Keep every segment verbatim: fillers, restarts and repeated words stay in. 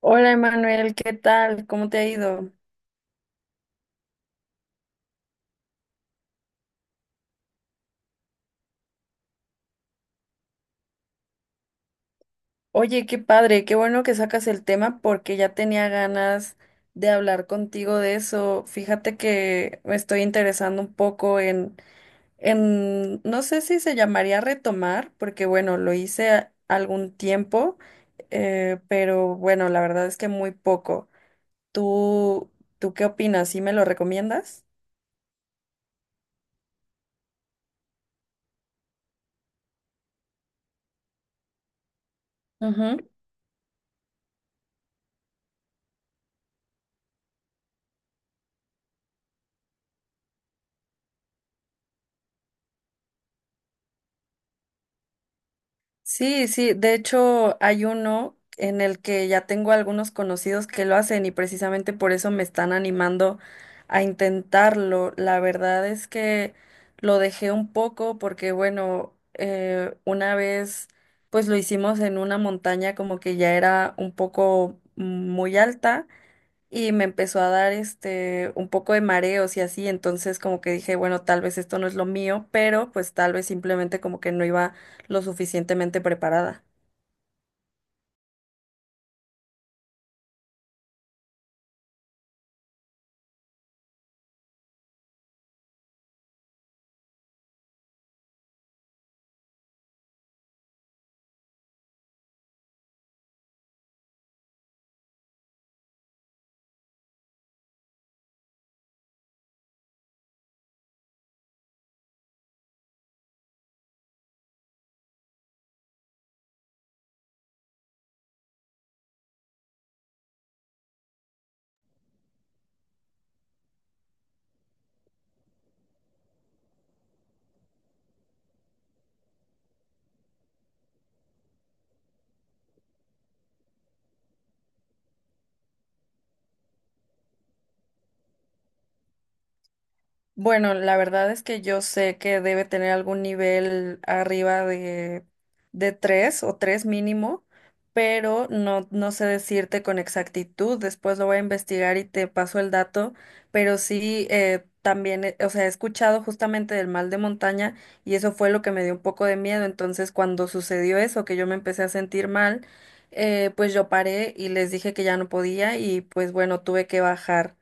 Hola Emanuel, ¿qué tal? ¿Cómo te ha ido? Oye, qué padre, qué bueno que sacas el tema porque ya tenía ganas de hablar contigo de eso. Fíjate que me estoy interesando un poco en, en, no sé si se llamaría retomar, porque bueno, lo hice a- algún tiempo, eh, pero bueno, la verdad es que muy poco. ¿Tú, tú qué opinas? ¿Sí me lo recomiendas? Sí, sí, de hecho hay uno en el que ya tengo algunos conocidos que lo hacen y precisamente por eso me están animando a intentarlo. La verdad es que lo dejé un poco porque, bueno, eh, una vez pues lo hicimos en una montaña como que ya era un poco mm, muy alta y me empezó a dar este un poco de mareos y así, entonces como que dije, bueno, tal vez esto no es lo mío, pero pues tal vez simplemente como que no iba lo suficientemente preparada. Bueno, la verdad es que yo sé que debe tener algún nivel arriba de, de tres o tres mínimo, pero no, no sé decirte con exactitud. Después lo voy a investigar y te paso el dato, pero sí eh, también, eh, o sea, he escuchado justamente del mal de montaña y eso fue lo que me dio un poco de miedo. Entonces, cuando sucedió eso, que yo me empecé a sentir mal, eh, pues yo paré y les dije que ya no podía y pues bueno, tuve que bajar.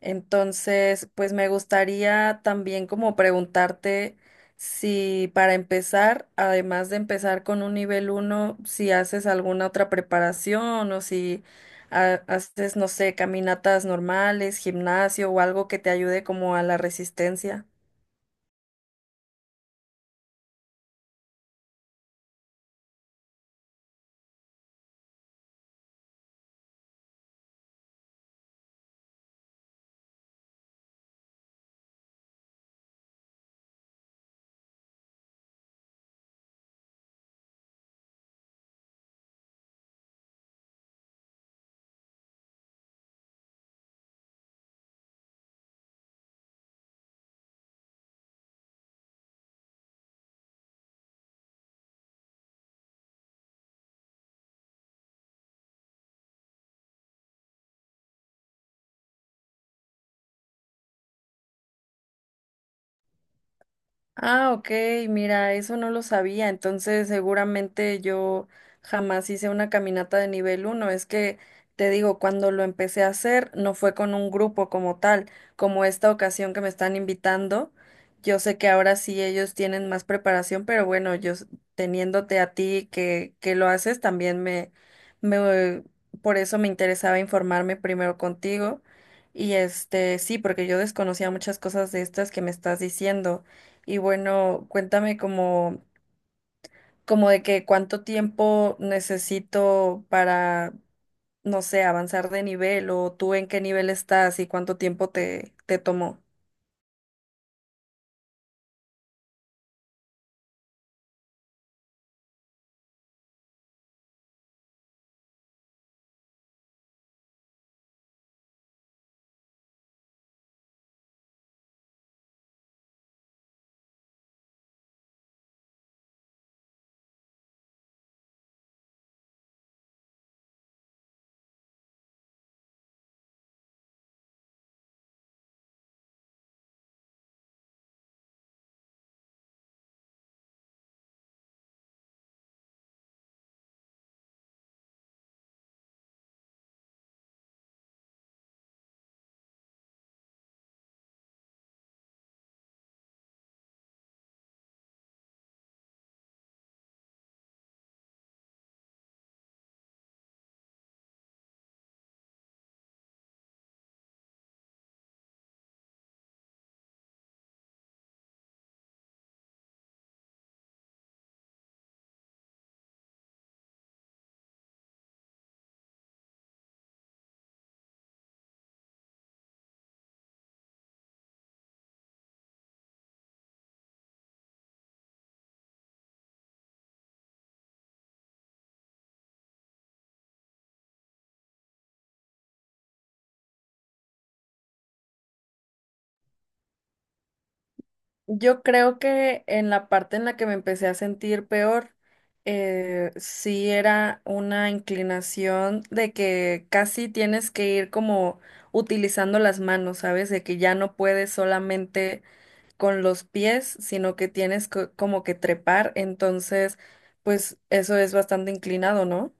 Entonces, pues me gustaría también como preguntarte si para empezar, además de empezar con un nivel uno, si haces alguna otra preparación o si ha- haces, no sé, caminatas normales, gimnasio o algo que te ayude como a la resistencia. Ah, ok, mira, eso no lo sabía, entonces seguramente yo jamás hice una caminata de nivel uno. Es que te digo, cuando lo empecé a hacer no fue con un grupo como tal, como esta ocasión que me están invitando, yo sé que ahora sí ellos tienen más preparación, pero bueno, yo s- teniéndote a ti que, que lo haces, también me, me, por eso me interesaba informarme primero contigo. Y este, sí, porque yo desconocía muchas cosas de estas que me estás diciendo. Y bueno, cuéntame como, como de que cuánto tiempo necesito para, no sé, avanzar de nivel o tú en qué nivel estás y cuánto tiempo te, te tomó. Yo creo que en la parte en la que me empecé a sentir peor, eh, sí era una inclinación de que casi tienes que ir como utilizando las manos, ¿sabes? De que ya no puedes solamente con los pies, sino que tienes co- como que trepar, entonces, pues eso es bastante inclinado, ¿no?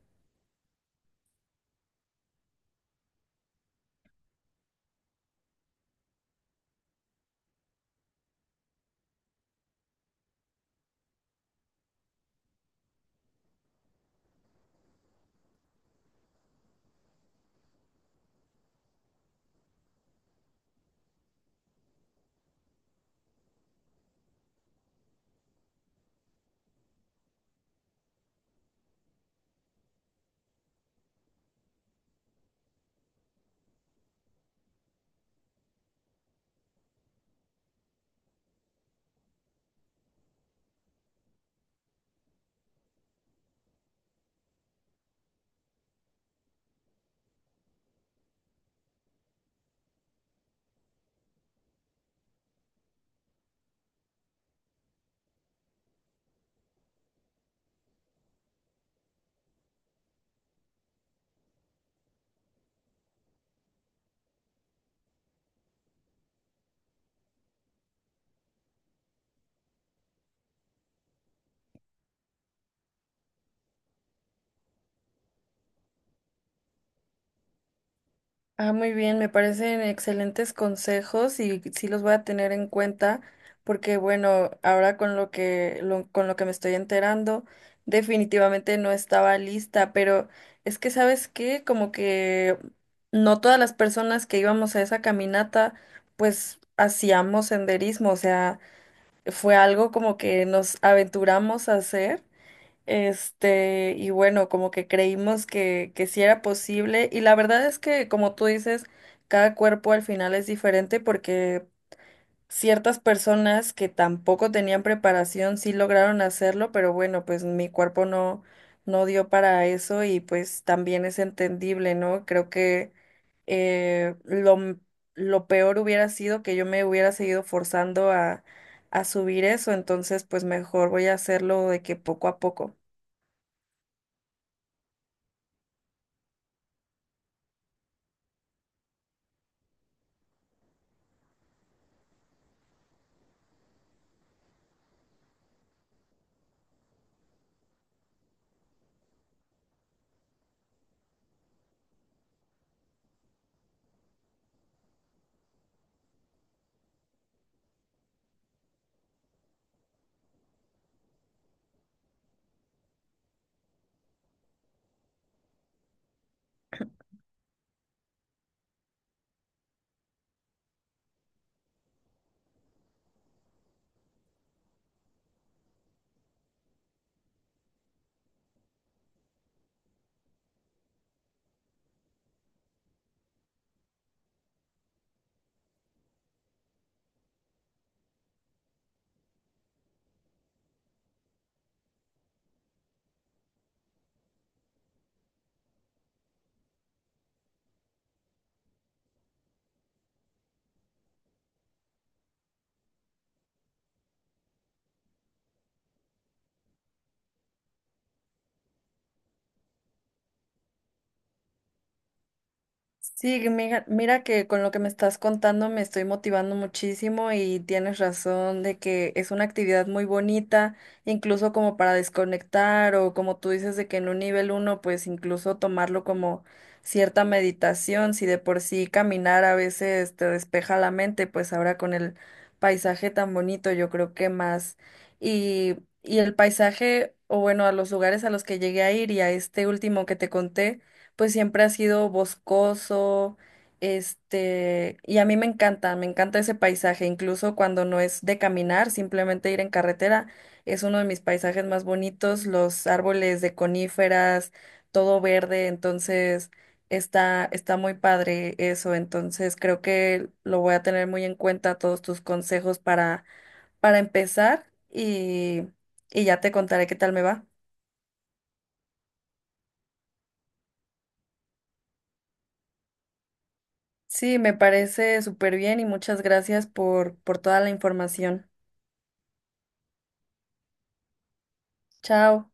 Ah, muy bien, me parecen excelentes consejos y sí los voy a tener en cuenta porque bueno, ahora con lo que lo- con lo que me estoy enterando, definitivamente no estaba lista, pero es que ¿sabes qué? Como que no todas las personas que íbamos a esa caminata pues hacíamos senderismo, o sea, fue algo como que nos aventuramos a hacer, este, y bueno, como que creímos que, que sí era posible, y la verdad es que, como tú dices, cada cuerpo al final es diferente porque ciertas personas que tampoco tenían preparación sí lograron hacerlo, pero bueno, pues mi cuerpo no, no dio para eso y pues también es entendible, ¿no? Creo que eh, lo, m- lo peor hubiera sido que yo me hubiera seguido forzando a, a subir eso, entonces pues mejor voy a hacerlo de que poco a poco. Sí, mira, mira que con lo que me estás contando me estoy motivando muchísimo y tienes razón de que es una actividad muy bonita, incluso como para desconectar o como tú dices de que en un nivel uno, pues incluso tomarlo como cierta meditación, si de por sí caminar a veces te despeja la mente, pues ahora con el paisaje tan bonito yo creo que más. Y, y el paisaje, o bueno, a los lugares a los que llegué a ir y a este último que te conté pues siempre ha sido boscoso, este, y a mí me encanta, me encanta ese paisaje, incluso cuando no es de caminar, simplemente ir en carretera, es uno de mis paisajes más bonitos, los árboles de coníferas, todo verde, entonces está, está muy padre eso, entonces creo que lo voy a tener muy en cuenta todos tus consejos para, para empezar y, y ya te contaré qué tal me va. Sí, me parece súper bien y muchas gracias por, por toda la información. Chao.